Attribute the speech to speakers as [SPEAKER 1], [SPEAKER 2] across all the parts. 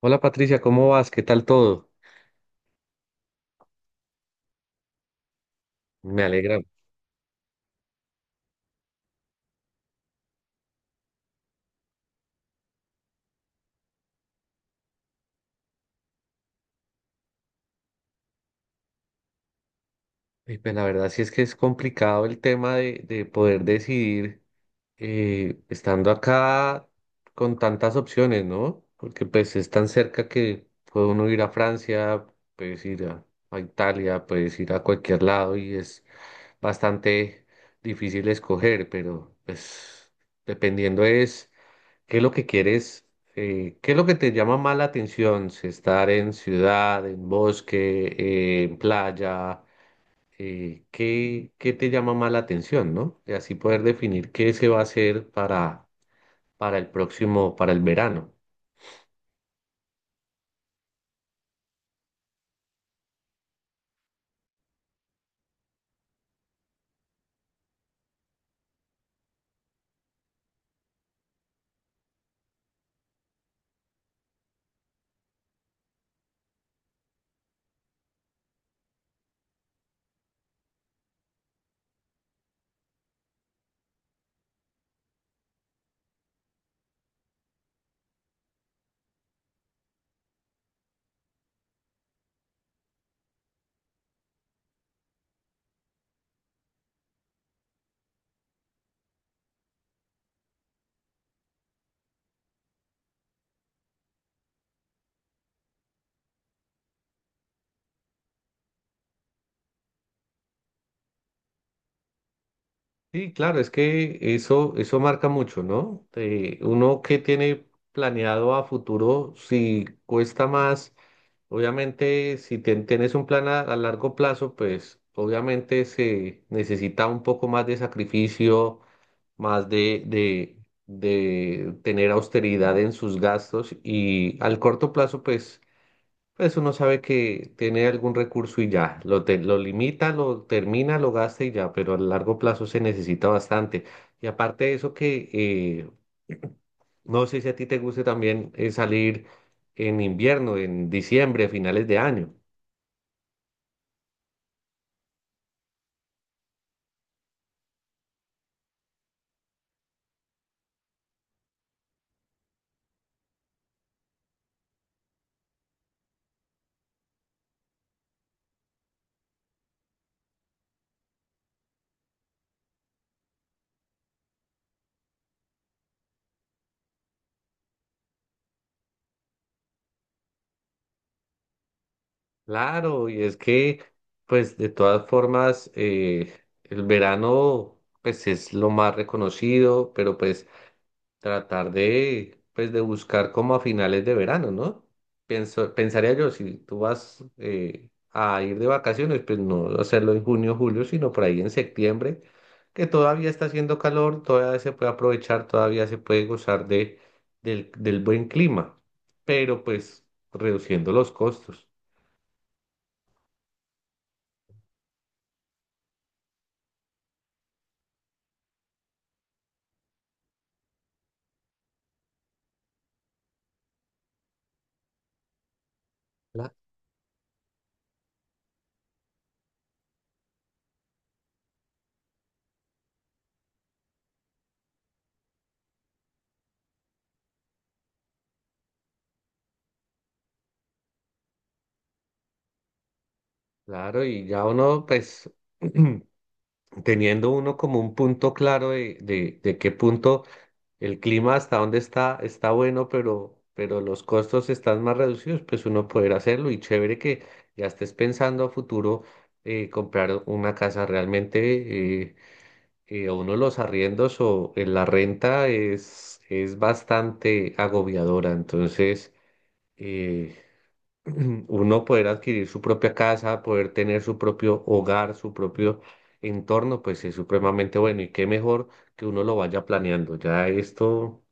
[SPEAKER 1] Hola Patricia, ¿cómo vas? ¿Qué tal todo? Me alegra. Y pues la verdad sí es que es complicado el tema de poder decidir. Estando acá con tantas opciones, ¿no? Porque pues es tan cerca que puede uno ir a Francia, puedes ir a Italia, puedes ir a cualquier lado y es bastante difícil escoger, pero pues dependiendo es qué es lo que quieres, qué es lo que te llama más la atención, si estar en ciudad, en bosque, en playa qué te llama más la atención, ¿no? Y así poder definir qué se va a hacer para el próximo, para el verano. Sí, claro, es que eso marca mucho, ¿no? Uno que tiene planeado a futuro, si cuesta más, obviamente, si tienes un plan a largo plazo, pues obviamente se necesita un poco más de sacrificio, más de tener austeridad en sus gastos y al corto plazo, pues uno sabe que tiene algún recurso y ya, lo limita, lo termina, lo gasta y ya, pero a largo plazo se necesita bastante. Y aparte de eso que no sé si a ti te guste también salir en invierno, en diciembre, a finales de año. Claro, y es que pues de todas formas el verano pues es lo más reconocido, pero pues tratar de, pues, de buscar como a finales de verano, ¿no? Pienso, pensaría yo, si tú vas a ir de vacaciones, pues no hacerlo en junio, julio, sino por ahí en septiembre, que todavía está haciendo calor, todavía se puede aprovechar, todavía se puede gozar del buen clima, pero pues reduciendo los costos. Cla- Claro, y ya uno, pues, teniendo uno como un punto claro de qué punto el clima hasta donde está, está bueno, pero los costos están más reducidos, pues uno poder hacerlo y chévere que ya estés pensando a futuro comprar una casa realmente, a uno los arriendos o en la renta es bastante agobiadora, entonces eh, uno poder adquirir su propia casa, poder tener su propio hogar, su propio entorno, pues es supremamente bueno y qué mejor que uno lo vaya planeando. Ya esto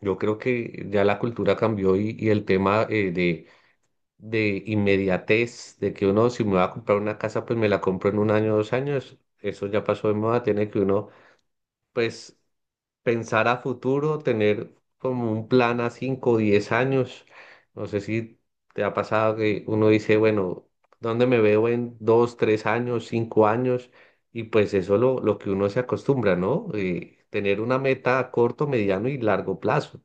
[SPEAKER 1] yo creo que ya la cultura cambió y el tema de inmediatez, de que uno si me va a comprar una casa, pues me la compro en un año, dos años, eso ya pasó de moda, tiene que uno pues pensar a futuro, tener como un plan a cinco o 10 años. No sé si te ha pasado que uno dice, bueno, ¿dónde me veo en dos, tres años, cinco años? Y pues eso lo que uno se acostumbra, ¿no? Tener una meta a corto, mediano y largo plazo.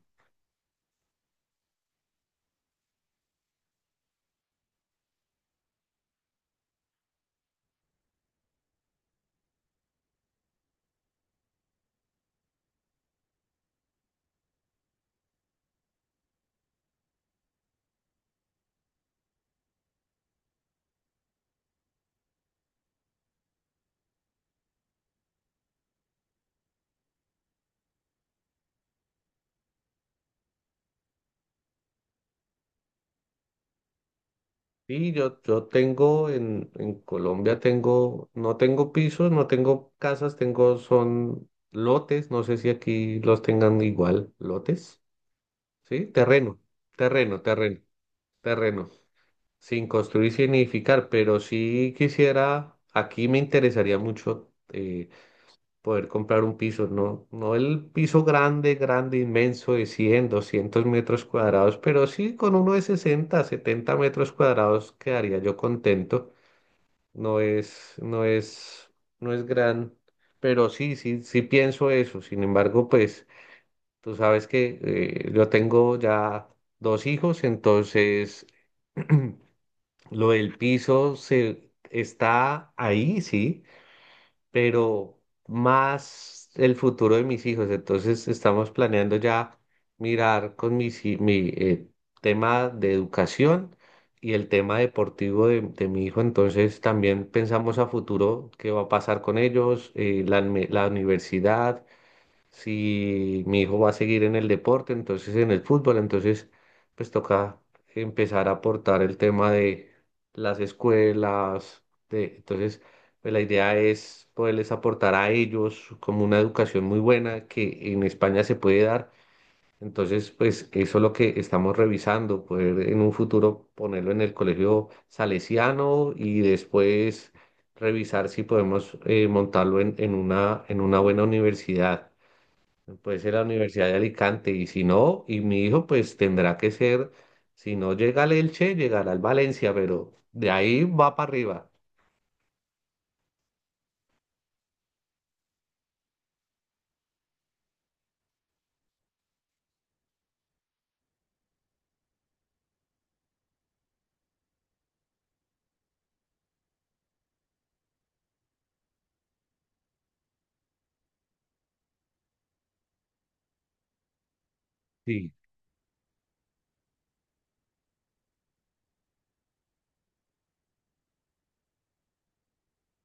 [SPEAKER 1] Sí, yo tengo en Colombia tengo, no tengo pisos, no tengo casas, tengo, son lotes, no sé si aquí los tengan igual, lotes, ¿sí? Terreno, terreno, terreno, terreno, sin construir, sin edificar, pero sí quisiera, aquí me interesaría mucho poder comprar un piso, no, no el piso grande, grande, inmenso de 100 200 metros cuadrados, pero sí con uno de 60 70 metros cuadrados quedaría yo contento. No es, no es, no es gran, pero sí, sí, sí pienso eso. Sin embargo, pues tú sabes que yo tengo ya dos hijos, entonces lo del piso se está ahí, sí, pero más el futuro de mis hijos. Entonces estamos planeando ya mirar con mi tema de educación y el tema deportivo de mi hijo. Entonces también pensamos a futuro qué va a pasar con ellos, la universidad si mi hijo va a seguir en el deporte, entonces en el fútbol, entonces pues toca empezar a aportar el tema de las escuelas, de, entonces pues la idea es poderles aportar a ellos como una educación muy buena que en España se puede dar. Entonces, pues eso es lo que estamos revisando, poder en un futuro ponerlo en el colegio salesiano y después revisar si podemos montarlo en una buena universidad. Puede ser la Universidad de Alicante y si no, y mi hijo pues tendrá que ser, si no llega al Elche, llegará al Valencia, pero de ahí va para arriba. Sí,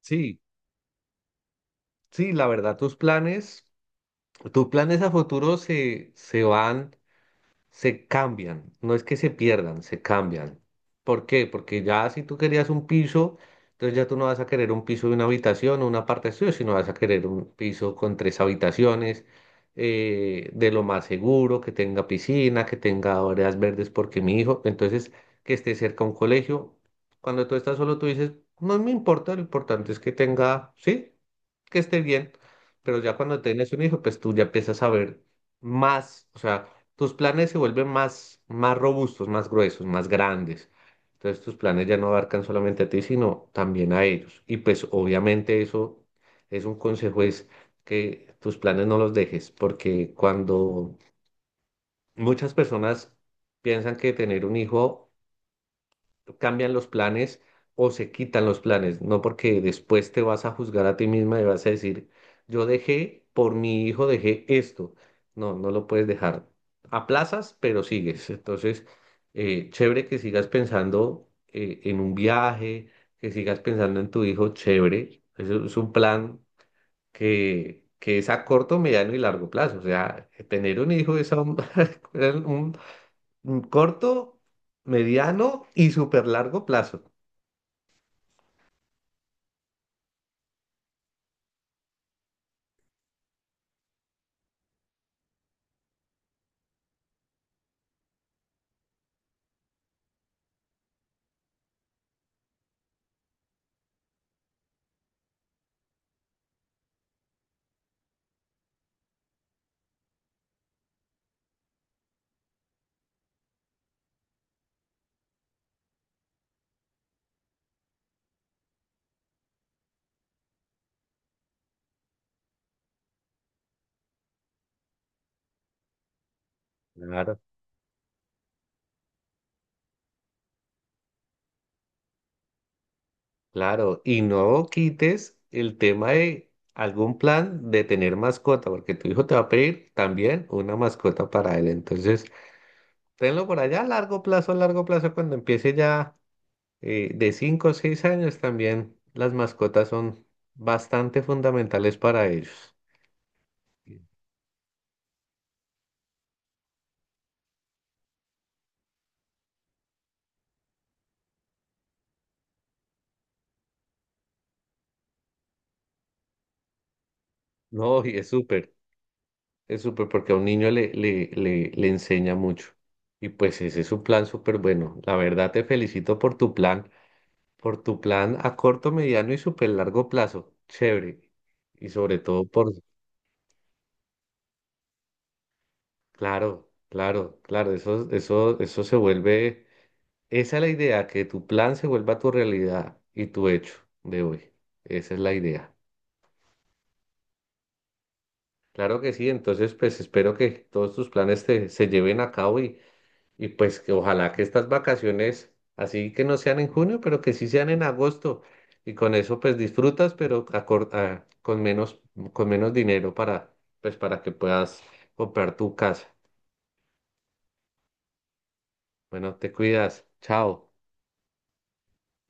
[SPEAKER 1] sí, sí, la verdad, tus planes a futuro se van. Se cambian, no es que se pierdan, se cambian. ¿Por qué? Porque ya si tú querías un piso, entonces ya tú no vas a querer un piso de una habitación o una parte de estudio, sino vas a querer un piso con tres habitaciones, de lo más seguro, que tenga piscina, que tenga áreas verdes, porque mi hijo, entonces que esté cerca a un colegio. Cuando tú estás solo, tú dices, no me importa, lo importante es que tenga, sí, que esté bien. Pero ya cuando tienes un hijo, pues tú ya empiezas a ver más, o sea, tus planes se vuelven más, más robustos, más gruesos, más grandes. Entonces tus planes ya no abarcan solamente a ti, sino también a ellos. Y pues obviamente eso es un consejo, es que tus planes no los dejes, porque cuando muchas personas piensan que tener un hijo cambian los planes o se quitan los planes, no porque después te vas a juzgar a ti misma y vas a decir, yo dejé, por mi hijo dejé esto. No, no lo puedes dejar. Aplazas, pero sigues. Entonces, chévere que sigas pensando en un viaje, que sigas pensando en tu hijo, chévere. Eso es un plan que es a corto, mediano y largo plazo. O sea, tener un hijo es a un un corto, mediano y súper largo plazo. Claro, claro. Y no quites el tema de algún plan de tener mascota, porque tu hijo te va a pedir también una mascota para él. Entonces, tenlo por allá a largo plazo, cuando empiece ya de 5 o 6 años también, las mascotas son bastante fundamentales para ellos. No, y es súper porque a un niño le enseña mucho. Y pues ese es un plan súper bueno. La verdad te felicito por tu plan. Por tu plan a corto, mediano y súper largo plazo. Chévere. Y sobre todo por... Claro, claro, claro. Eso se vuelve... Esa es la idea, que tu plan se vuelva tu realidad y tu hecho de hoy. Esa es la idea. Claro que sí. Entonces, pues espero que todos tus planes se lleven a cabo. Y pues que ojalá que estas vacaciones, así que no sean en junio, pero que sí sean en agosto. Y con eso pues disfrutas, pero con menos dinero para, pues para que puedas comprar tu casa. Bueno, te cuidas. Chao.